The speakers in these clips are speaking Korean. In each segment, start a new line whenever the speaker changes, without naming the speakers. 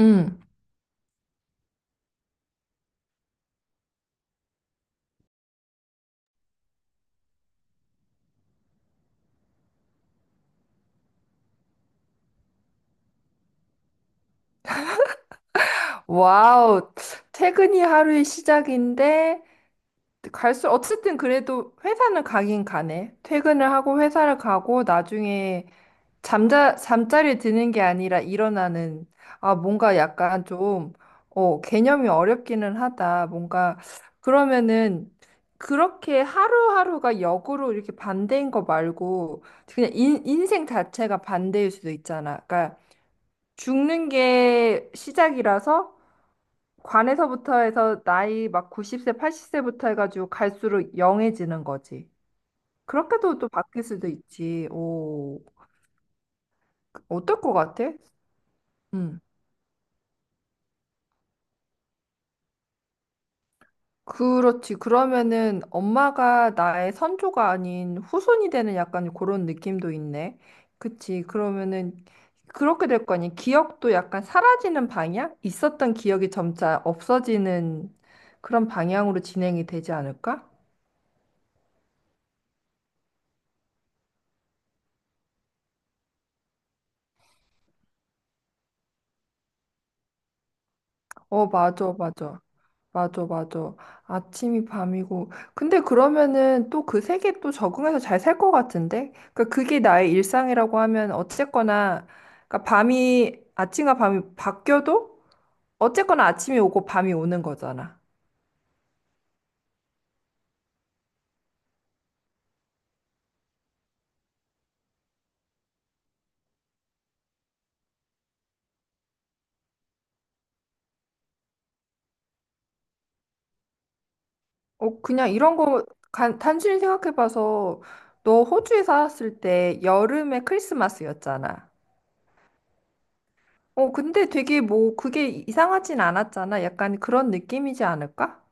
응. 와우. 퇴근이 하루의 시작인데, 어쨌든 그래도 회사는 가긴 가네. 퇴근을 하고 회사를 가고, 나중에 잠자리에 드는 게 아니라 일어나는, 아, 뭔가 약간 좀, 어, 개념이 어렵기는 하다. 뭔가, 그러면은, 그렇게 하루하루가 역으로 이렇게 반대인 거 말고, 그냥 인생 자체가 반대일 수도 있잖아. 그러니까, 죽는 게 시작이라서, 관에서부터 해서 나이 막 90세, 80세부터 해가지고 갈수록 영해지는 거지. 그렇게도 또 바뀔 수도 있지. 오, 어떨 것 같아? 음, 그렇지. 그러면은 엄마가 나의 선조가 아닌 후손이 되는 약간 그런 느낌도 있네. 그치. 그러면은 그렇게 될 거 아니. 기억도 약간 사라지는 방향? 있었던 기억이 점차 없어지는 그런 방향으로 진행이 되지 않을까? 어, 맞아, 맞아. 맞아, 맞아. 아침이 밤이고. 근데 그러면은 또 그 세계에 또 적응해서 잘 살 것 같은데? 그러니까 그게 나의 일상이라고 하면 어쨌거나, 그러니까 밤이, 아침과 밤이 바뀌어도 어쨌거나 아침이 오고 밤이 오는 거잖아. 어, 그냥 이런 거 단순히 생각해봐서 너 호주에 살았을 때 여름에 크리스마스였잖아. 어, 근데 되게 뭐 그게 이상하진 않았잖아. 약간 그런 느낌이지 않을까?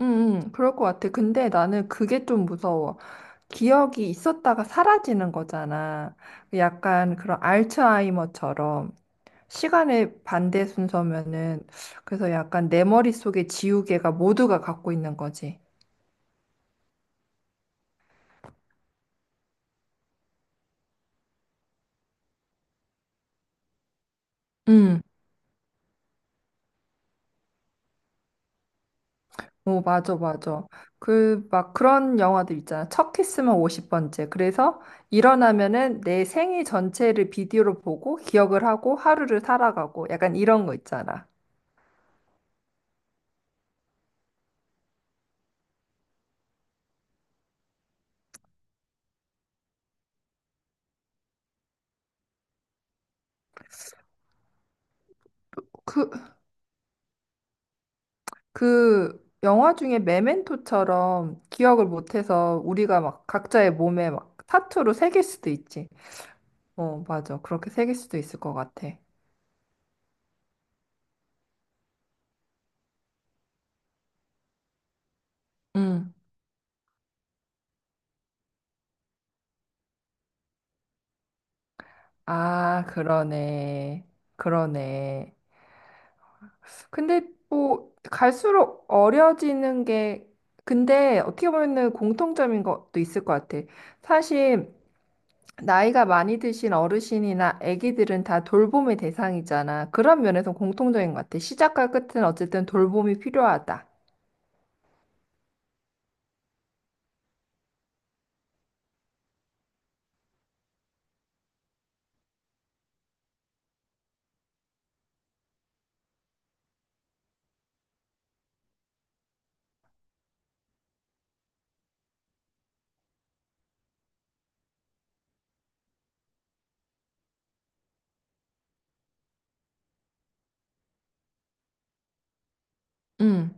응, 응, 그럴 것 같아. 근데 나는 그게 좀 무서워. 기억이 있었다가 사라지는 거잖아. 약간 그런 알츠하이머처럼 시간의 반대 순서면은 그래서 약간 내 머릿속에 지우개가 모두가 갖고 있는 거지. 응. 오, 맞아, 맞아. 그, 막 그런 영화들 있잖아. 첫 키스만 50번째. 그래서 일어나면은 내 생애 전체를 비디오로 보고 기억을 하고 하루를 살아가고 약간 이런 거 있잖아. 그, 그 영화 중에 메멘토처럼 기억을 못해서 우리가 막 각자의 몸에 막 타투로 새길 수도 있지. 어, 맞아. 그렇게 새길 수도 있을 것 같아. 응. 아, 그러네. 그러네. 근데 뭐 갈수록 어려지는 게 근데 어떻게 보면은 공통점인 것도 있을 것 같아. 사실 나이가 많이 드신 어르신이나 아기들은 다 돌봄의 대상이잖아. 그런 면에서 공통적인 것 같아. 시작과 끝은 어쨌든 돌봄이 필요하다. 응.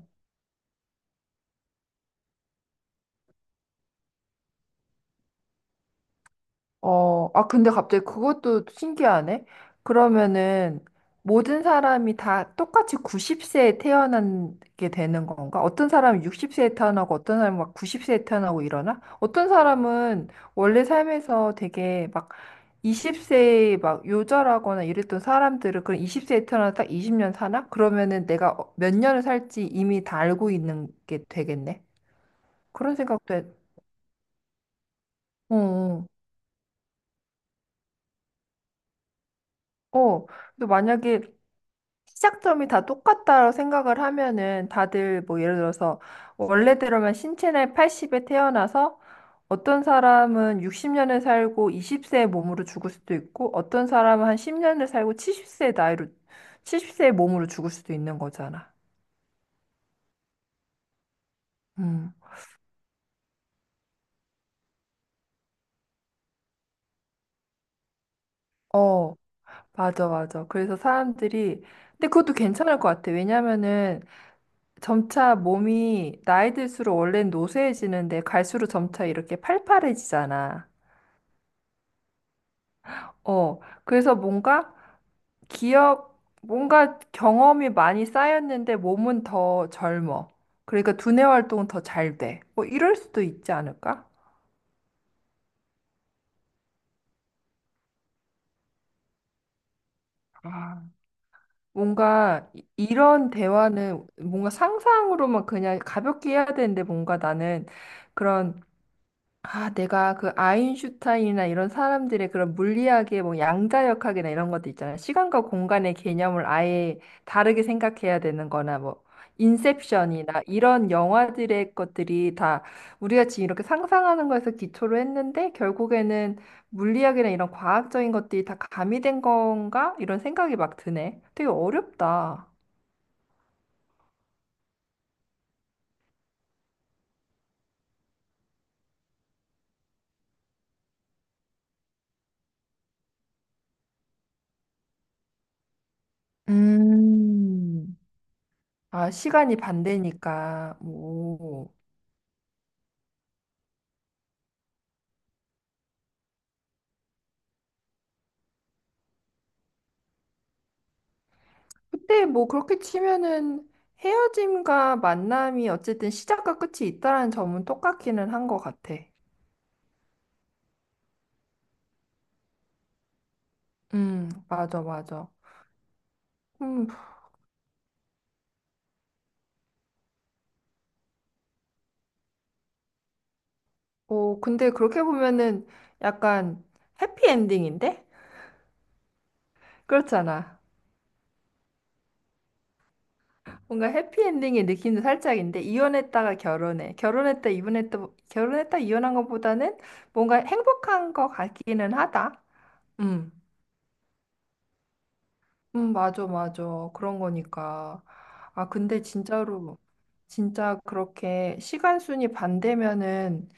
어, 아, 근데 갑자기 그것도 신기하네. 그러면은 모든 사람이 다 똑같이 90세에 태어나게 되는 건가? 어떤 사람은 60세에 태어나고 어떤 사람은 막 90세에 태어나고 이러나? 어떤 사람은 원래 삶에서 되게 막 20세에 막 요절하거나 이랬던 사람들은 그럼 20세에 태어나서 딱 20년 사나? 그러면은 내가 몇 년을 살지 이미 다 알고 있는 게 되겠네. 그런 생각도 해. 어, 어. 어. 근데 만약에 시작점이 다 똑같다고 생각을 하면은 다들 뭐 예를 들어서 원래대로면 신체 나이 80에 태어나서 어떤 사람은 60년을 살고 20세의 몸으로 죽을 수도 있고 어떤 사람은 한 10년을 살고 70세의 나이로 70세의 몸으로 죽을 수도 있는 거잖아. 음. 어, 맞아, 맞아. 그래서 사람들이 근데 그것도 괜찮을 것 같아. 왜냐면은 점차 몸이 나이 들수록 원래는 노쇠해지는데 갈수록 점차 이렇게 팔팔해지잖아. 어, 그래서 뭔가 기억, 뭔가 경험이 많이 쌓였는데 몸은 더 젊어. 그러니까 두뇌 활동은 더 잘 돼. 뭐 이럴 수도 있지 않을까? 아, 뭔가 이런 대화는 뭔가 상상으로만 그냥 가볍게 해야 되는데 뭔가 나는 그런 아, 내가 그 아인슈타인이나 이런 사람들의 그런 물리학의 뭐 양자역학이나 이런 것도 있잖아. 시간과 공간의 개념을 아예 다르게 생각해야 되는 거나 뭐 인셉션이나 이런 영화들의 것들이 다 우리가 지금 이렇게 상상하는 거에서 기초로 했는데 결국에는 물리학이나 이런 과학적인 것들이 다 가미된 건가? 이런 생각이 막 드네. 되게 어렵다. 음, 아, 시간이 반대니까. 오. 그때 뭐 그렇게 치면은 헤어짐과 만남이 어쨌든 시작과 끝이 있다라는 점은 똑같기는 한 것 같아. 맞아, 맞아. 음, 어, 근데 그렇게 보면은 약간 해피엔딩인데? 그렇잖아. 뭔가 해피엔딩의 느낌도 살짝인데, 이혼했다가 결혼해. 결혼했다, 이혼했다, 결혼했다, 이혼한 것보다는 뭔가 행복한 것 같기는 하다. 음. 맞아, 맞아. 그런 거니까. 아, 근데 진짜로, 진짜 그렇게 시간순이 반대면은,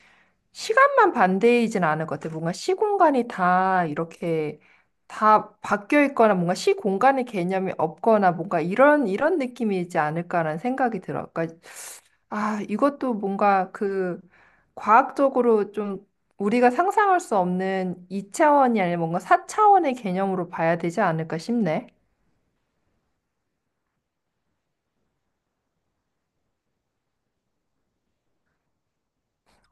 시간만 반대이진 않을 것 같아. 뭔가 시공간이 다 이렇게 다 바뀌어 있거나 뭔가 시공간의 개념이 없거나 뭔가 이런, 이런 느낌이지 않을까라는 생각이 들어. 그러니까, 아, 이것도 뭔가 그 과학적으로 좀 우리가 상상할 수 없는 이차원이 아니라 뭔가 사차원의 개념으로 봐야 되지 않을까 싶네.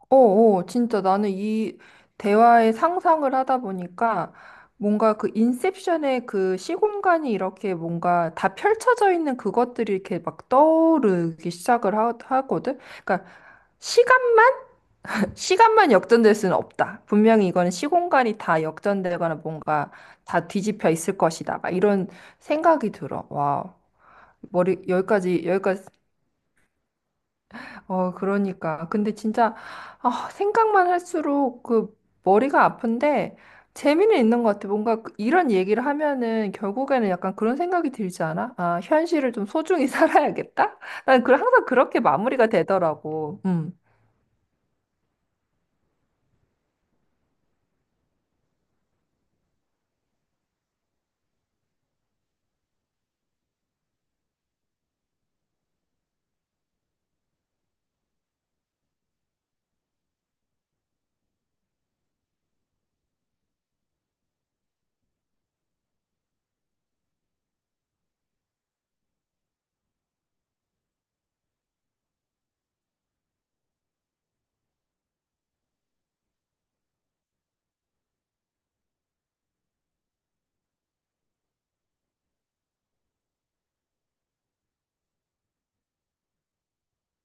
어, 어, 진짜 나는 이 대화의 상상을 하다 보니까 뭔가 그 인셉션의 그 시공간이 이렇게 뭔가 다 펼쳐져 있는 그것들이 이렇게 막 떠오르기 시작을 하거든. 그러니까 시간만 시간만 역전될 수는 없다. 분명히 이거는 시공간이 다 역전되거나 뭔가 다 뒤집혀 있을 것이다. 막 이런 생각이 들어. 와, 머리 여기까지 여기까지 어, 그러니까. 근데 진짜, 아, 생각만 할수록 그 머리가 아픈데 재미는 있는 것 같아. 뭔가 이런 얘기를 하면은 결국에는 약간 그런 생각이 들지 않아? 아, 현실을 좀 소중히 살아야겠다? 난 그, 항상 그렇게 마무리가 되더라고. 음.